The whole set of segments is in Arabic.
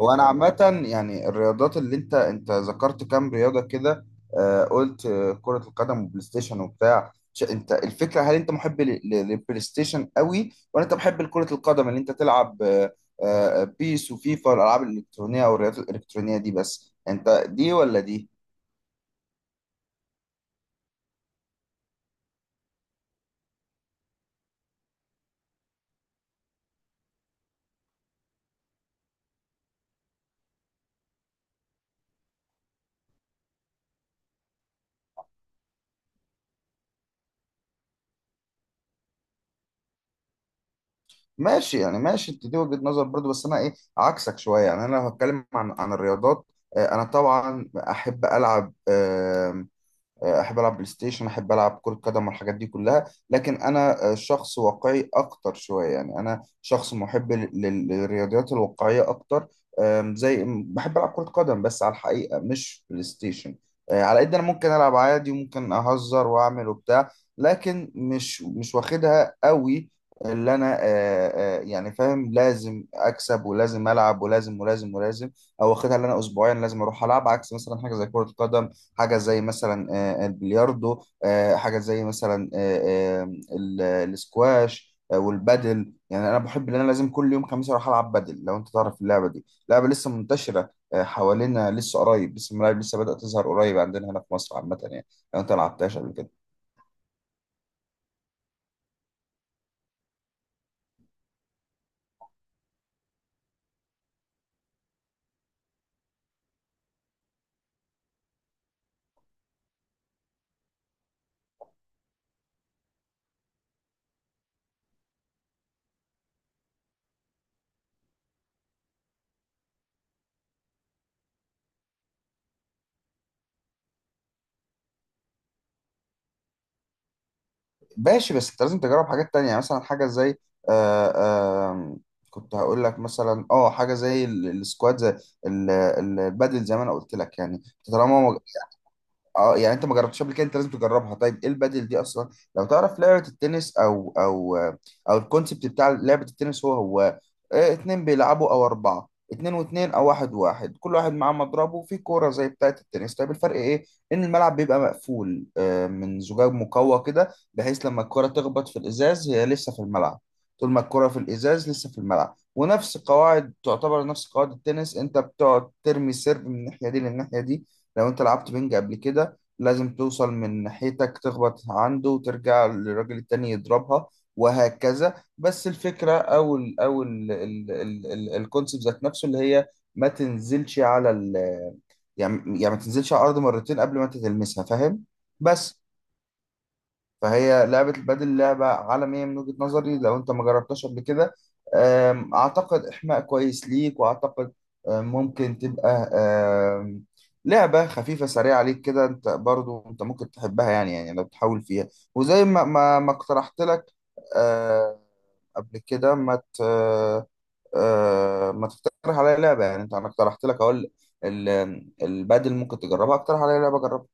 هو انا عامه يعني الرياضات اللي انت ذكرت كام رياضه كده. آه، قلت كره القدم وبلاي ستيشن وبتاع انت الفكره، هل انت محب للبلاي ستيشن قوي ولا انت محب لكره القدم اللي انت تلعب؟ بيس وفيفا والالعاب الالكترونيه او الرياضات الالكترونيه دي، بس انت دي ولا دي؟ ماشي، يعني ماشي، انت دي وجهه نظر برضو، بس انا ايه عكسك شويه. يعني انا لو هتكلم عن الرياضات، انا طبعا احب العب، احب العب بلاي ستيشن، احب العب كرة قدم والحاجات دي كلها. لكن انا شخص واقعي اكتر شوية. يعني انا شخص محب للرياضيات الواقعية اكتر. زي بحب العب كرة قدم بس على الحقيقة، مش بلاي ستيشن. على قد انا ممكن العب عادي، وممكن اهزر واعمل وبتاع، لكن مش واخدها قوي. اللي انا يعني فاهم، لازم اكسب ولازم العب ولازم ولازم ولازم، او واخدها اللي انا اسبوعيا لازم اروح العب. عكس مثلا حاجه زي كره قدم، حاجة زي مثلا البلياردو، حاجة زي مثلا الاسكواش، والبادل. يعني انا بحب ان انا لازم كل يوم خميس اروح العب بادل. لو انت تعرف اللعبة دي، لعبة لسه منتشرة حوالينا لسه قريب، لسه الملاعب لسه بدأت تظهر قريب عندنا هنا في مصر عامة يعني، لو انت ما لعبتهاش قبل كده. ماشي، بس انت لازم تجرب حاجات تانية. يعني مثلا حاجة زي آه، آه، كنت هقول لك مثلا اه حاجة زي السكواد، زي البادل، زي ما انا قلت لك يعني. طالما ما اه يعني انت ما جربتش قبل كده، انت لازم تجربها. طيب ايه البادل دي اصلا؟ لو تعرف لعبه التنس، او الكونسبت بتاع لعبه التنس، هو اتنين بيلعبوا او اربعه، اتنين واتنين او واحد واحد، كل واحد معاه مضربه وفي كوره زي بتاعه التنس. طيب الفرق ايه؟ ان الملعب بيبقى مقفول من زجاج مقوى كده، بحيث لما الكوره تخبط في الازاز هي لسه في الملعب. طول ما الكرة في الإزاز لسه في الملعب، ونفس قواعد، تعتبر نفس قواعد التنس. أنت بتقعد ترمي سيرف من الناحية دي للناحية دي. لو أنت لعبت بينج قبل كده، لازم توصل من ناحيتك تخبط عنده وترجع للراجل التاني يضربها، وهكذا. بس الفكرة أو الكونسيبت ذات نفسه اللي هي ما تنزلش على ال يعني ما تنزلش على الأرض مرتين قبل ما أنت تلمسها، فاهم؟ بس. فهي لعبة البادل لعبة عالمية من وجهة نظري، لو انت ما جربتهاش قبل كده. اعتقد احماء كويس ليك، واعتقد ممكن تبقى لعبة خفيفة سريعة عليك كده، انت برضو انت ممكن تحبها يعني، يعني لو تحاول فيها. وزي ما ما اقترحت لك أم، قبل كده ما ت... آه، ما تقترح عليا لعبة يعني، انت، انا اقترحت لك، اقول البادل ممكن تجربها، اقترح عليا لعبة جربها.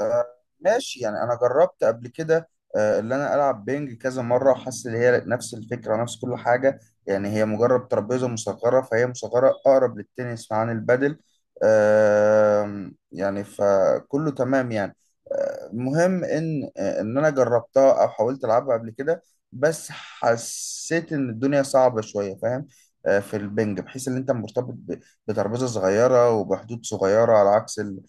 آه، ماشي، يعني انا جربت قبل كده. اللي انا العب بينج كذا مره، وحاسس ان هي نفس الفكره، نفس كل حاجه. يعني هي مجرد ترابيزه مصغره، فهي مصغره اقرب للتنس عن البادل. يعني فكله تمام يعني. مهم ان ان انا جربتها او حاولت العبها قبل كده، بس حسيت ان الدنيا صعبه شويه، فاهم؟ في البنج بحيث ان انت مرتبط بترابيزه صغيره وبحدود صغيره، على عكس ال-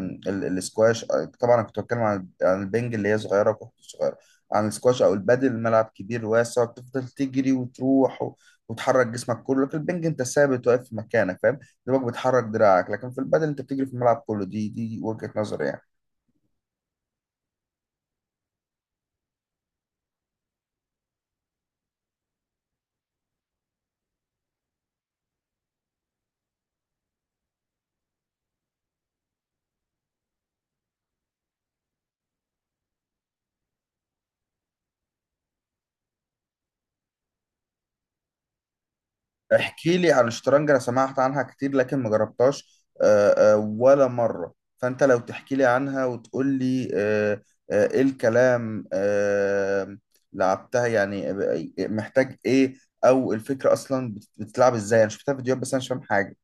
السكواش. طبعا انا كنت بتكلم عن البنج اللي هي صغيره وكحه صغيره، عن السكواش او البادل الملعب كبير واسع، بتفضل تجري وتروح وتحرك جسمك كله. لكن البنج انت ثابت واقف في مكانك، فاهم؟ دماغك بتحرك دراعك. لكن في البادل انت بتجري في الملعب كله. دي وجهه نظري يعني. احكي لي عن الشطرنج، انا سمعت عنها كتير لكن ما جربتهاش ولا مرة. فانت لو تحكي لي عنها وتقول لي ايه الكلام، لعبتها يعني محتاج ايه، او الفكرة اصلا بتتلعب ازاي؟ انا شفتها فيديوهات بس انا مش فاهم حاجة.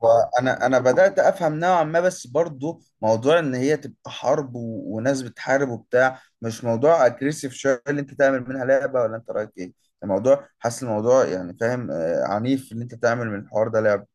وانا بدات افهم نوعا ما، بس برضو موضوع ان هي تبقى حرب وناس بتحارب وبتاع، مش موضوع اجريسيف شويه اللي انت تعمل منها لعبه، ولا انت رايك ايه؟ الموضوع، حاسس الموضوع يعني فاهم آه عنيف، اللي انت تعمل من الحوار ده لعبه.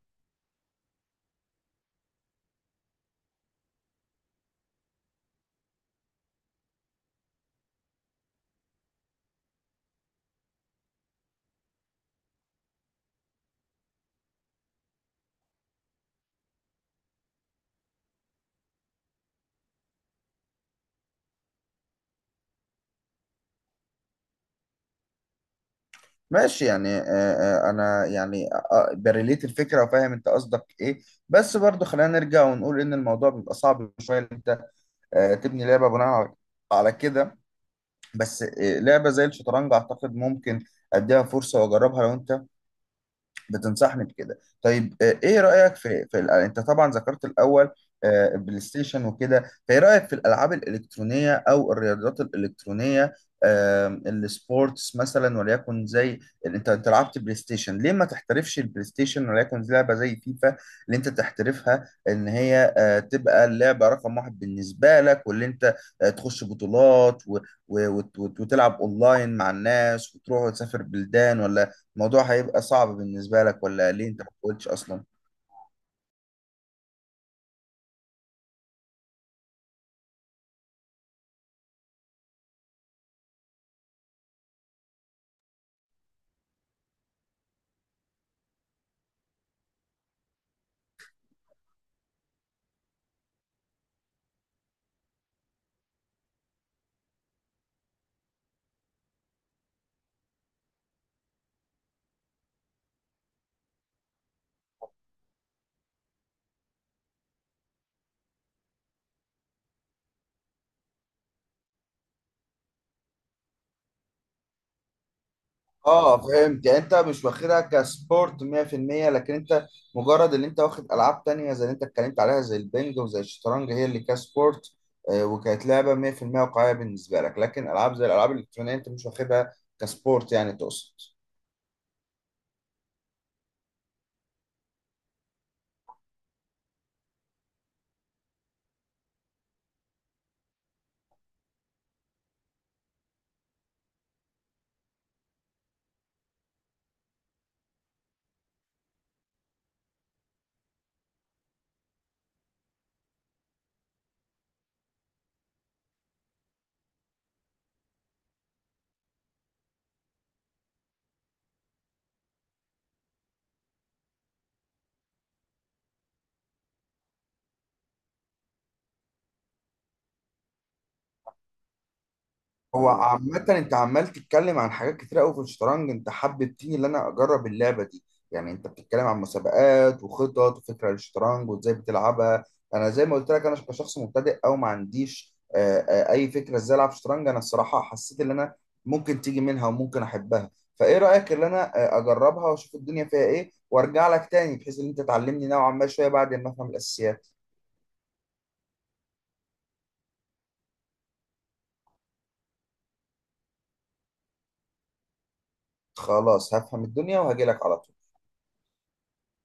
ماشي يعني آه آه انا يعني آه آه، بريليت الفكره وفاهم انت قصدك ايه، بس برضو خلينا نرجع ونقول ان الموضوع بيبقى صعب شويه ان انت تبني لعبه بناء على على كده. بس لعبه زي الشطرنج اعتقد ممكن اديها فرصه واجربها، لو انت بتنصحني بكده. طيب ايه رأيك في انت طبعا ذكرت الاول البلاي ستيشن وكده، فايه رأيك في الالعاب الالكترونية او الرياضات الالكترونية؟ السبورتس مثلا، وليكن زي انت لعبت بلاي ستيشن، ليه ما تحترفش البلاي ستيشن، وليكن زي لعبة زي فيفا اللي انت تحترفها، ان هي تبقى اللعبة رقم واحد بالنسبة لك، واللي انت تخش بطولات وتلعب اونلاين مع الناس، وتروح وتسافر بلدان، ولا الموضوع هيبقى صعب بالنسبة لك، ولا ليه انت ما قلتش اصلا؟ اه فهمت، يعني انت مش واخدها كسبورت 100% لكن انت مجرد ان انت واخد العاب تانية زي اللي انت اتكلمت عليها، زي البنج وزي الشطرنج، هي اللي كسبورت وكانت لعبة 100% واقعية بالنسبة لك. لكن العاب زي الالعاب الالكترونية انت مش واخدها كسبورت، يعني تقصد. هو عامة انت عمال تتكلم عن حاجات كتير قوي في الشطرنج، انت حببتني ان انا اجرب اللعبة دي. يعني انت بتتكلم عن مسابقات وخطط وفكرة للشطرنج، وازاي بتلعبها. انا زي ما قلت لك، انا كشخص مبتدئ او ما عنديش اي فكرة ازاي العب شطرنج، انا الصراحة حسيت ان انا ممكن تيجي منها وممكن احبها. فايه رأيك ان انا اجربها واشوف الدنيا فيها ايه، وارجع لك تاني بحيث ان انت تعلمني نوعا ما شوية بعد ما افهم الاساسيات. خلاص، هفهم الدنيا وهجي لك على طول.